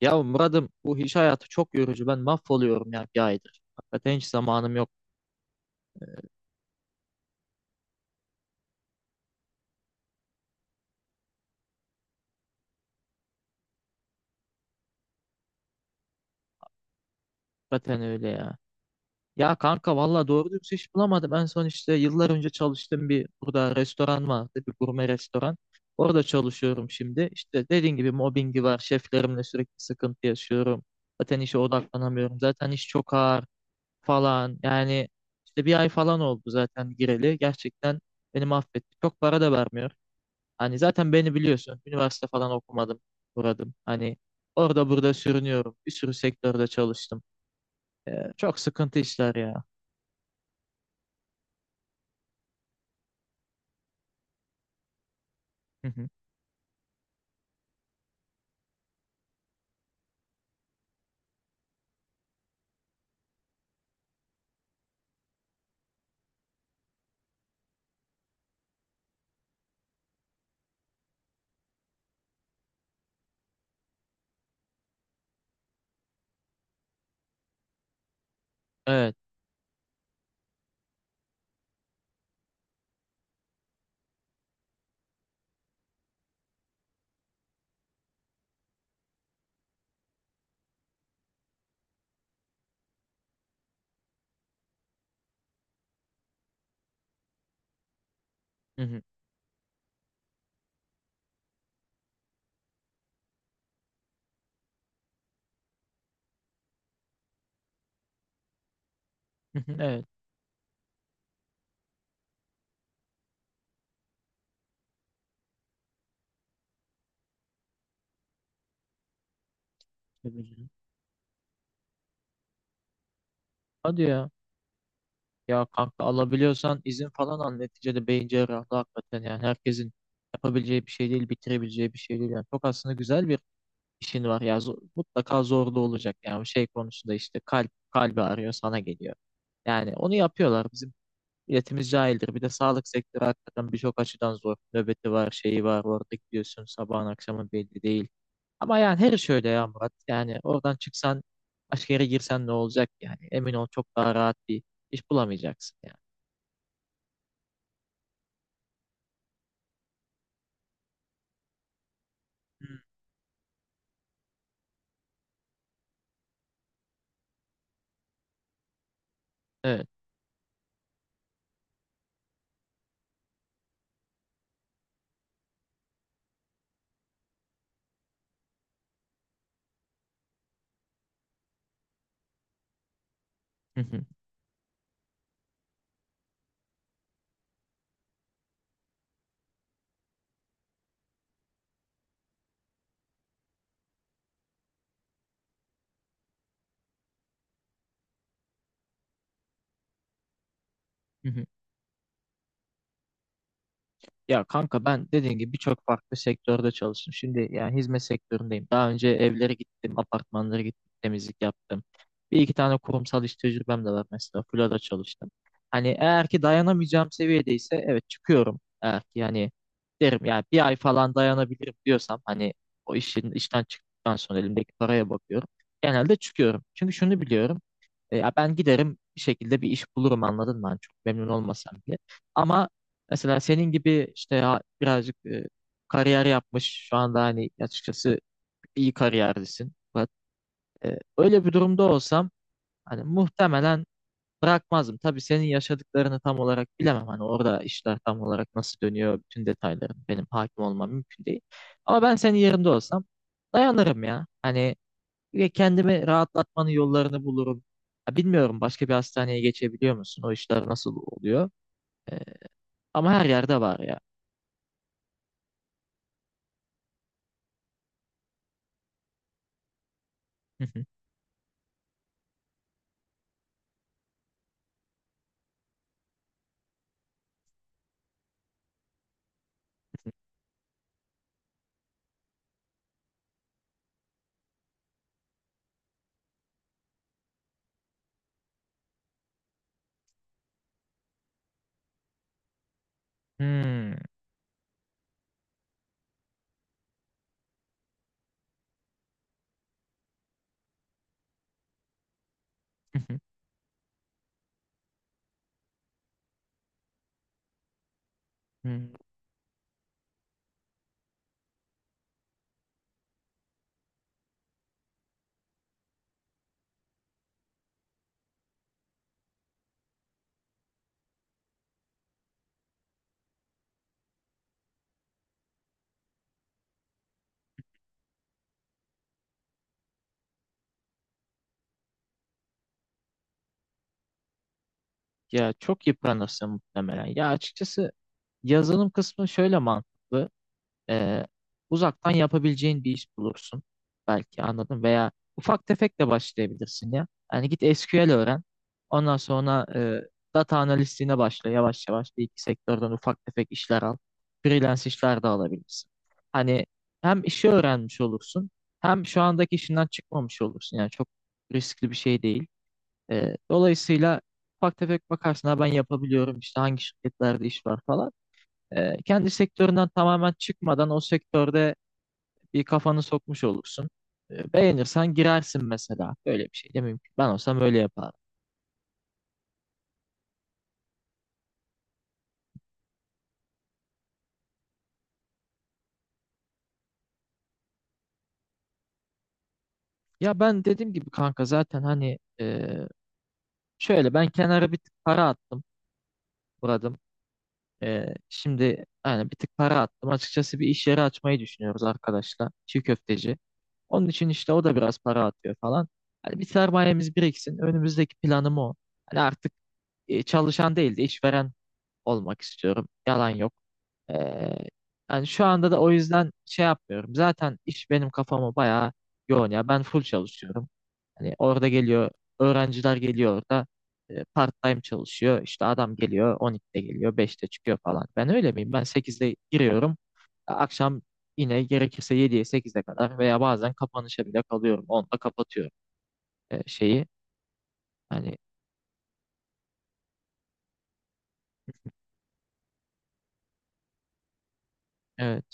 Ya Murat'ım, bu iş hayatı çok yorucu. Ben mahvoluyorum ya, bir aydır. Hakikaten hiç zamanım yok. Hakikaten öyle ya. Ya kanka, valla doğru dürüst iş bulamadım. En son işte yıllar önce çalıştığım burada restoran vardı. Bir gurme restoran. Orada çalışıyorum şimdi. İşte dediğin gibi mobbingi var. Şeflerimle sürekli sıkıntı yaşıyorum. Zaten işe odaklanamıyorum. Zaten iş çok ağır falan. Yani işte bir ay falan oldu zaten gireli. Gerçekten beni mahvetti. Çok para da vermiyor. Hani zaten beni biliyorsun. Üniversite falan okumadım, buradım. Hani orada burada sürünüyorum. Bir sürü sektörde çalıştım. Çok sıkıntı işler ya. Hı hı. Evet. Hı hı. Hı hı. Evet. Yapabilirim. Hadi ya. Ya kanka, alabiliyorsan izin falan al. Neticede beyin cerrahı hakikaten yani herkesin yapabileceği bir şey değil, bitirebileceği bir şey değil. Yani çok aslında güzel bir işin var ya. Mutlaka zorlu olacak yani şey konusunda, işte kalp, kalbi arıyor sana geliyor. Yani onu yapıyorlar. Bizim milletimiz cahildir. Bir de sağlık sektörü hakikaten birçok açıdan zor. Nöbeti var, şeyi var. Orada gidiyorsun, sabahın akşamın belli değil. Ama yani her iş öyle ya Murat. Yani oradan çıksan başka yere girsen ne olacak yani? Emin ol, çok daha rahat bir iş bulamayacaksın yani. Hmm. Evet. Hı hı. Hı hı. Ya kanka, ben dediğim gibi birçok farklı sektörde çalıştım. Şimdi yani hizmet sektöründeyim. Daha önce evlere gittim, apartmanlara gittim, temizlik yaptım. Bir iki tane kurumsal iş tecrübem de var mesela. Filoda çalıştım. Hani eğer ki dayanamayacağım seviyedeyse, evet, çıkıyorum. Eğer ki yani derim yani bir ay falan dayanabilirim diyorsam, hani o işin, işten çıktıktan sonra elimdeki paraya bakıyorum. Genelde çıkıyorum. Çünkü şunu biliyorum. Ya ben giderim bir şekilde bir iş bulurum, anladın mı? Hani çok memnun olmasam bile. Ama mesela senin gibi işte ya birazcık kariyer yapmış, şu anda hani açıkçası iyi kariyerlisin. Fakat öyle bir durumda olsam hani muhtemelen bırakmazdım. Tabii senin yaşadıklarını tam olarak bilemem. Hani orada işler tam olarak nasıl dönüyor, bütün detayları benim hakim olmam mümkün değil. Ama ben senin yerinde olsam dayanırım ya. Hani ve kendimi rahatlatmanın yollarını bulurum. Ya bilmiyorum, başka bir hastaneye geçebiliyor musun? O işler nasıl oluyor? Ee, Ama her yerde var ya. Hmm. Hmm. Ya çok yıpranırsın muhtemelen. Ya açıkçası yazılım kısmı şöyle mantıklı. Ee, Uzaktan yapabileceğin bir iş bulursun. Belki anladım. Veya ufak tefek de başlayabilirsin ya. Yani git SQL öğren. Ondan sonra data analistliğine başla. Yavaş yavaş bir iki sektörden ufak tefek işler al. Freelance işler de alabilirsin. Hani hem işi öğrenmiş olursun hem şu andaki işinden çıkmamış olursun. Yani çok riskli bir şey değil. Dolayısıyla ufak tefek bakarsın, ha ben yapabiliyorum işte, hangi şirketlerde iş var falan. Kendi sektöründen tamamen çıkmadan o sektörde bir kafanı sokmuş olursun. Beğenirsen girersin mesela. Böyle bir şey de mümkün. Ben olsam öyle yapardım. Ya ben dediğim gibi kanka, zaten hani şöyle, ben kenara bir tık para attım Murat'ım. Şimdi yani bir tık para attım. Açıkçası bir iş yeri açmayı düşünüyoruz arkadaşlar. Çiğ köfteci. Onun için işte o da biraz para atıyor falan. Hani bir sermayemiz biriksin. Önümüzdeki planım o. Hani artık çalışan değil de işveren olmak istiyorum. Yalan yok. Ee, Yani şu anda da o yüzden şey yapmıyorum. Zaten iş benim kafamı bayağı yoğun ya. Ben full çalışıyorum. Hani orada geliyor, öğrenciler geliyor orada. Part time çalışıyor. İşte adam geliyor, 12'de geliyor, 5'te çıkıyor falan. Ben öyle miyim? Ben 8'de giriyorum. Akşam yine gerekirse 7'ye 8'e kadar veya bazen kapanışa bile kalıyorum. 10'da kapatıyorum şeyi. Hani evet,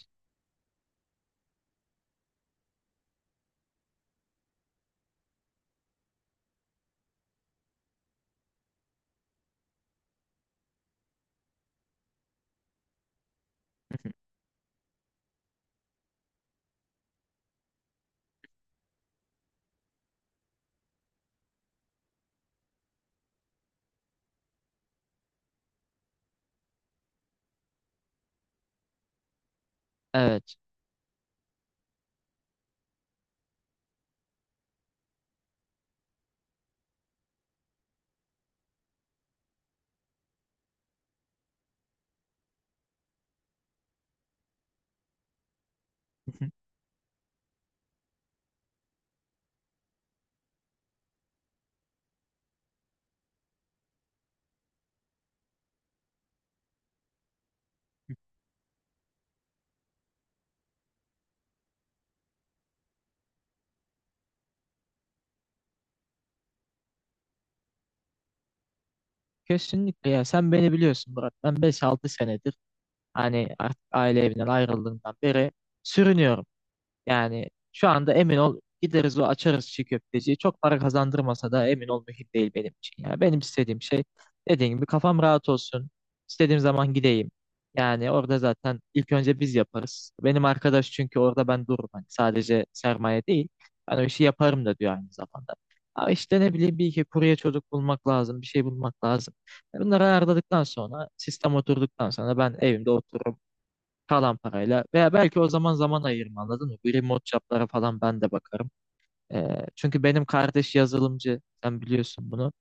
evet. Kesinlikle ya, sen beni biliyorsun Murat. Ben 5-6 senedir, hani artık aile evinden ayrıldığından beri sürünüyorum. Yani şu anda emin ol, gideriz o açarız çiğ köfteciyi. Çok para kazandırmasa da emin ol, mühim değil benim için. Yani benim istediğim şey, dediğim gibi, kafam rahat olsun. İstediğim zaman gideyim. Yani orada zaten ilk önce biz yaparız. Benim arkadaş çünkü orada ben dururum. Hani sadece sermaye değil. Ben o işi yaparım da diyor aynı zamanda. Ama işte ne bileyim, bir iki kurye çocuk bulmak lazım. Bir şey bulmak lazım. Bunları ayarladıktan sonra, sistem oturduktan sonra ben evimde otururum kalan parayla, veya belki o zaman zaman ayırma, anladın mı? Bu remote job'lara falan ben de bakarım. Çünkü benim kardeş yazılımcı, sen biliyorsun bunu.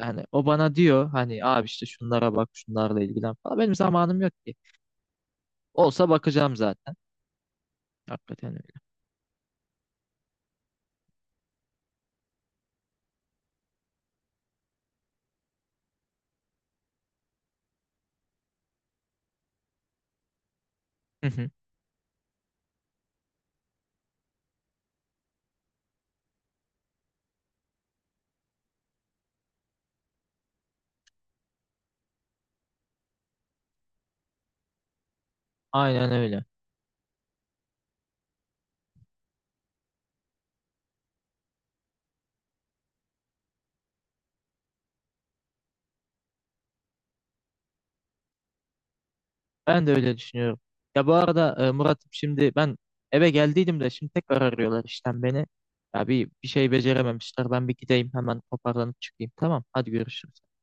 Yani o bana diyor hani abi işte şunlara bak, şunlarla ilgilen falan. Benim zamanım yok ki. Olsa bakacağım zaten. Hakikaten öyle. Hı hı. Aynen öyle. Ben de öyle düşünüyorum. Ya bu arada Murat'ım, şimdi ben eve geldiydim de, şimdi tekrar arıyorlar işten beni. Ya bir şey becerememişler. Ben bir gideyim hemen, toparlanıp çıkayım. Tamam, hadi görüşürüz.